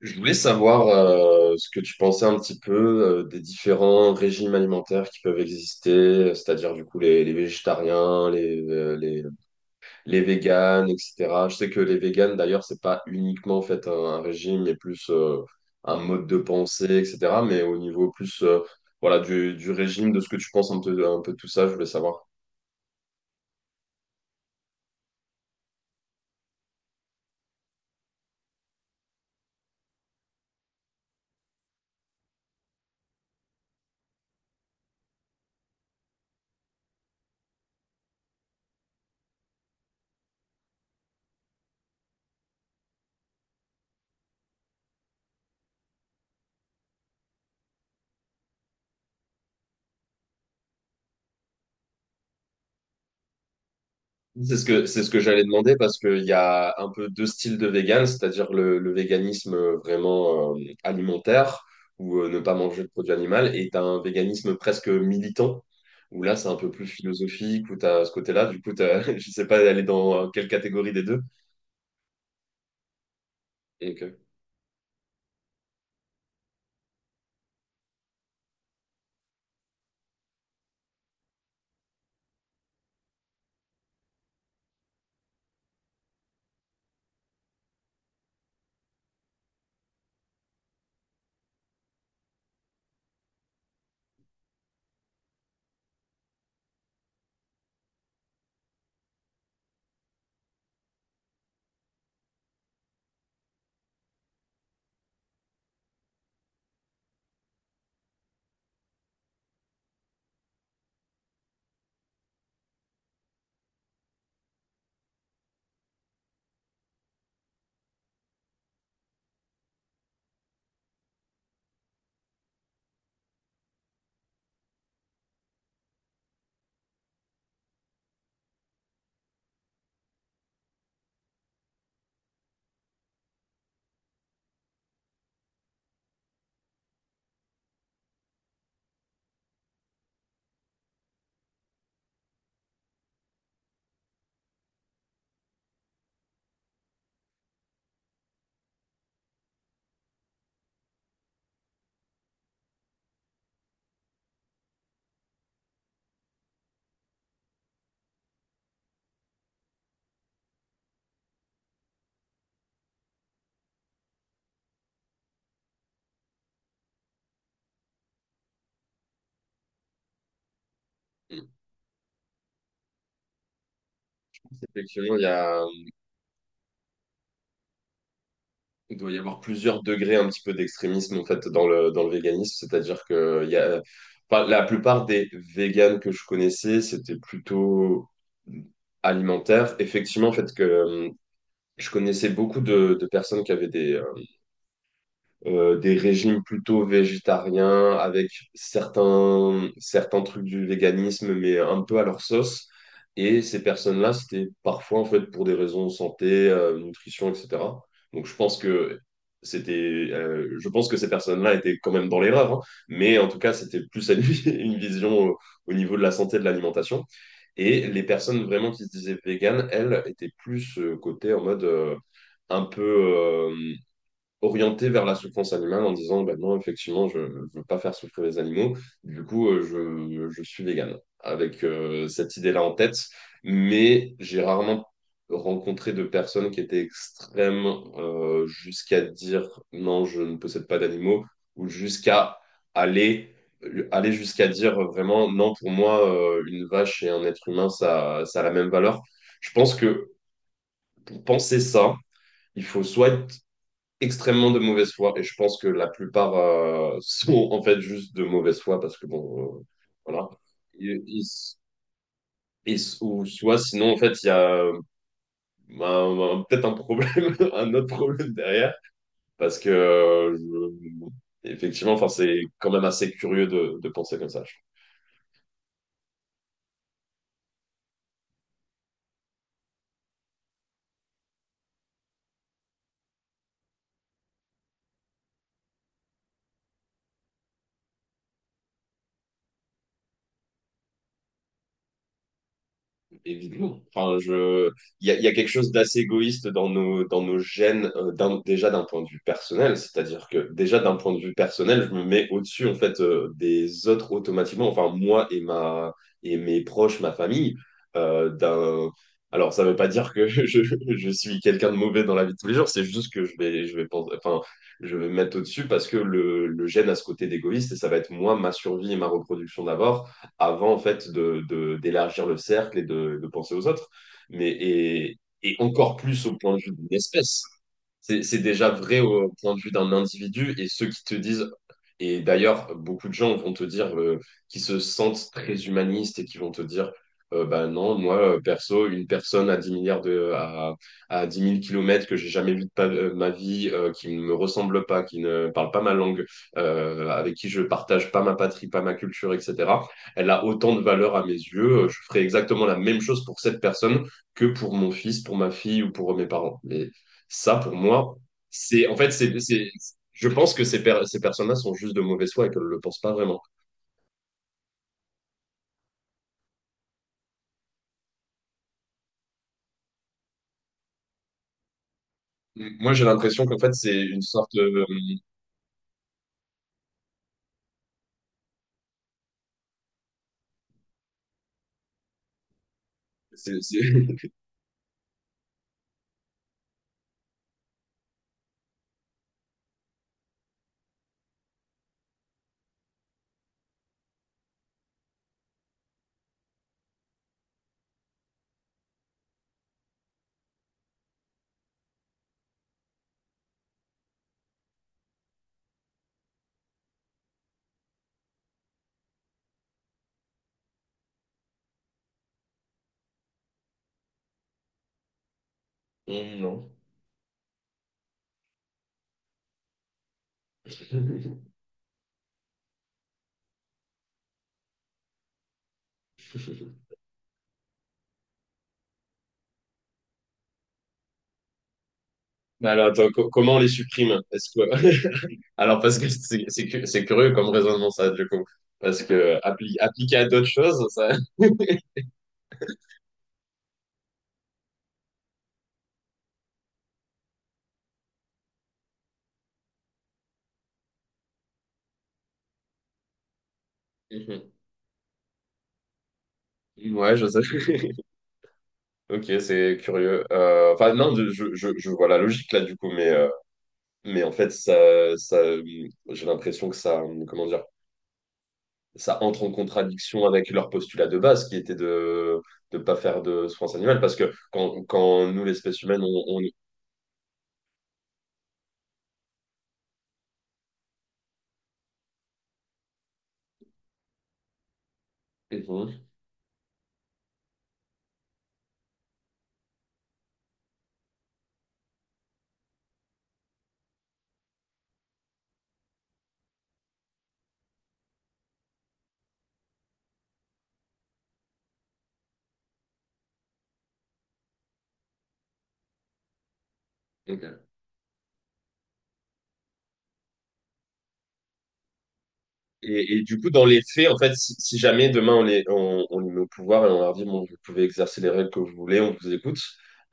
Je voulais savoir ce que tu pensais un petit peu des différents régimes alimentaires qui peuvent exister, c'est-à-dire du coup les végétariens, les véganes, etc. Je sais que les véganes, d'ailleurs, c'est pas uniquement en fait un régime, mais plus un mode de pensée, etc. Mais au niveau plus voilà, du régime, de ce que tu penses un peu de tout ça, je voulais savoir. C'est ce que j'allais demander parce qu'il y a un peu deux styles de vegan, c'est-à-dire le véganisme vraiment alimentaire ou ne pas manger de produits animaux, et t'as un véganisme presque militant où là c'est un peu plus philosophique où t'as ce côté-là. Du coup, t'as, je sais pas aller dans quelle catégorie des deux. Donc, euh, Effectivement, il y a. Il doit y avoir plusieurs degrés un petit peu d'extrémisme en fait dans le véganisme, c'est-à-dire que il y a, enfin, la plupart des véganes que je connaissais, c'était plutôt alimentaire. Effectivement, en fait, que je connaissais beaucoup de personnes qui avaient des régimes plutôt végétariens avec certains trucs du véganisme, mais un peu à leur sauce. Et ces personnes-là, c'était parfois en fait pour des raisons santé, nutrition, etc. Donc je pense que c'était, je pense que ces personnes-là étaient quand même dans l'erreur, hein. Mais en tout cas c'était plus à une, une vision au, au niveau de la santé et de l'alimentation. Et les personnes vraiment qui se disaient véganes, elles étaient plus côté en mode un peu orienté vers la souffrance animale en disant ben non, effectivement, je ne veux pas faire souffrir les animaux, du coup, je suis vegan, avec cette idée-là en tête, mais j'ai rarement rencontré de personnes qui étaient extrêmes jusqu'à dire non, je ne possède pas d'animaux, ou jusqu'à aller jusqu'à dire vraiment non pour moi une vache et un être humain ça a la même valeur. Je pense que pour penser ça il faut soit être extrêmement de mauvaise foi, et je pense que la plupart sont en fait juste de mauvaise foi parce que bon, voilà. Ils- ils- ou soit sinon en fait il y a peut-être un problème, un autre problème derrière parce que effectivement, enfin c'est quand même assez curieux de penser comme ça. Évidemment. Enfin, je, il y a quelque chose d'assez égoïste dans nos gènes, déjà d'un point de vue personnel. C'est-à-dire que déjà d'un point de vue personnel, je me mets au-dessus en fait des autres automatiquement. Enfin, moi et ma et mes proches, ma famille. euh, d'un, alors, ça ne veut pas dire que je suis quelqu'un de mauvais dans la vie de tous les jours. C'est juste que je vais penser, enfin, je vais me mettre au-dessus parce que le gène a ce côté d'égoïste et ça va être moi, ma survie et ma reproduction d'abord avant en fait de, d'élargir le cercle et de penser aux autres. Mais et encore plus au point de vue d'une espèce. C'est déjà vrai au point de vue d'un individu et ceux qui te disent, et d'ailleurs, beaucoup de gens vont te dire, qui se sentent très humanistes et qui vont te dire, bah non, moi, perso, une personne à 10 milliards de, à dix mille kilomètres que j'ai jamais vu ma vie, qui ne me ressemble pas, qui ne parle pas ma langue, avec qui je partage pas ma patrie, pas ma culture, etc., elle a autant de valeur à mes yeux. Je ferai exactement la même chose pour cette personne que pour mon fils, pour ma fille ou pour mes parents. Mais ça, pour moi, c'est en fait, c'est- je pense que ces, ces personnes-là sont juste de mauvaise foi et qu'elles ne le pensent pas vraiment. Moi, j'ai l'impression qu'en fait, c'est une sorte. C'est- c'est- non. Mais alors, attends, comment on les supprime? Est-ce que... Alors, parce que c'est curieux comme raisonnement, ça, du coup. Parce que appliqué à d'autres choses, ça. Mhm. Ouais, je sais. Ok, c'est curieux. Enfin, non, je vois la logique là, du coup, mais en fait, ça, j'ai l'impression que ça, comment dire, ça entre en contradiction avec leur postulat de base qui était de ne pas faire de souffrance animale parce que quand, quand nous, l'espèce humaine, Mhm. Ok. Et du coup, dans les faits, en fait, si, si jamais demain on les met au pouvoir et on leur dit, bon, vous pouvez exercer les règles que vous voulez, on vous écoute,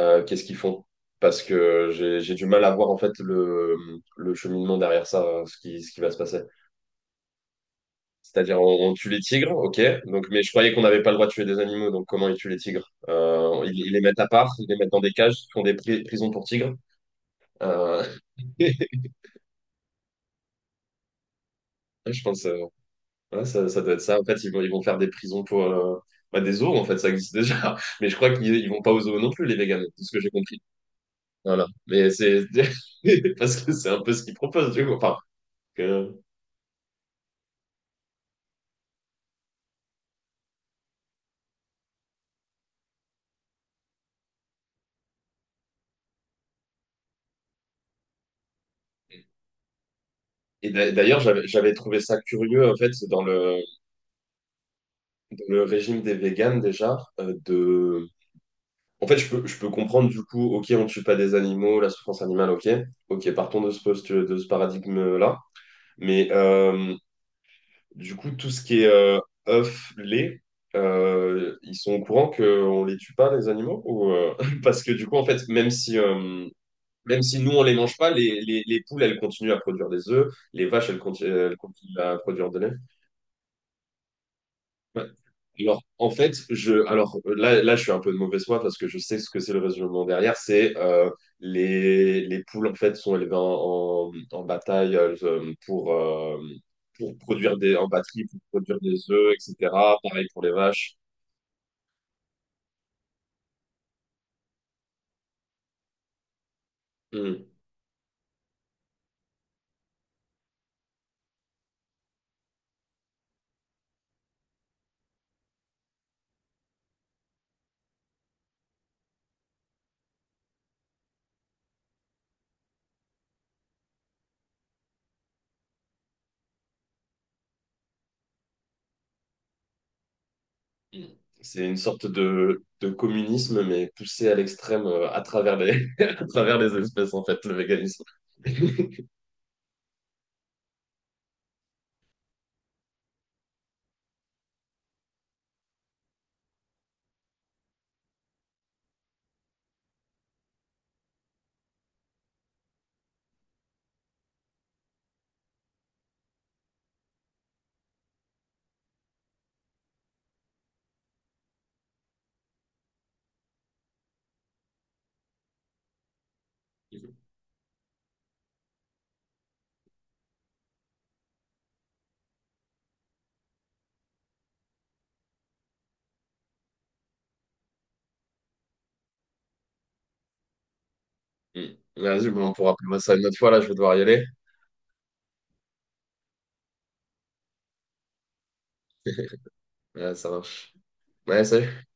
qu'est-ce qu'ils font? Parce que j'ai du mal à voir en fait le cheminement derrière ça, ce qui va se passer. C'est-à-dire, on tue les tigres, ok. Donc, mais je croyais qu'on n'avait pas le droit de tuer des animaux, donc comment ils tuent les tigres? Ils les mettent à part, ils les mettent dans des cages, ils font des prisons pour tigres. Euh, je pense, euh, ouais, ça doit être ça. En fait, ils vont faire des prisons pour bah, des zoos, en fait, ça existe déjà. Mais je crois qu'ils ils vont pas aux zoos non plus, les véganes, de ce que j'ai compris. Voilà. Mais c'est parce que c'est un peu ce qu'ils proposent, du coup. Enfin, que- Et d'ailleurs, j'avais trouvé ça curieux, en fait, dans le régime des véganes déjà, de. En fait, je peux comprendre du coup, ok, on ne tue pas des animaux, la souffrance animale, ok, ok, partons de ce poste, de ce paradigme-là. Mais du coup, tout ce qui est œufs, lait, ils sont au courant qu'on ne les tue pas, les animaux ou, parce que du coup, en fait, même si nous, on ne les mange pas, les poules, elles continuent à produire des œufs, les vaches, elles continuent à produire de lait. Ouais. Alors, en fait, je, alors là, je suis un peu de mauvaise foi parce que je sais ce que c'est le raisonnement derrière. C'est Les poules, en fait, sont élevées en bataille pour produire des, en batterie, pour produire des œufs, etc. Pareil pour les vaches. Mm. Mm. C'est une sorte de communisme, mais poussé à l'extrême à travers les, à travers les espèces, en fait, le véganisme. Mm. Vas-y, bon, on pourra plus voir ça une autre fois. Là, je vais devoir y aller. Ouais, ça marche. Ouais, salut.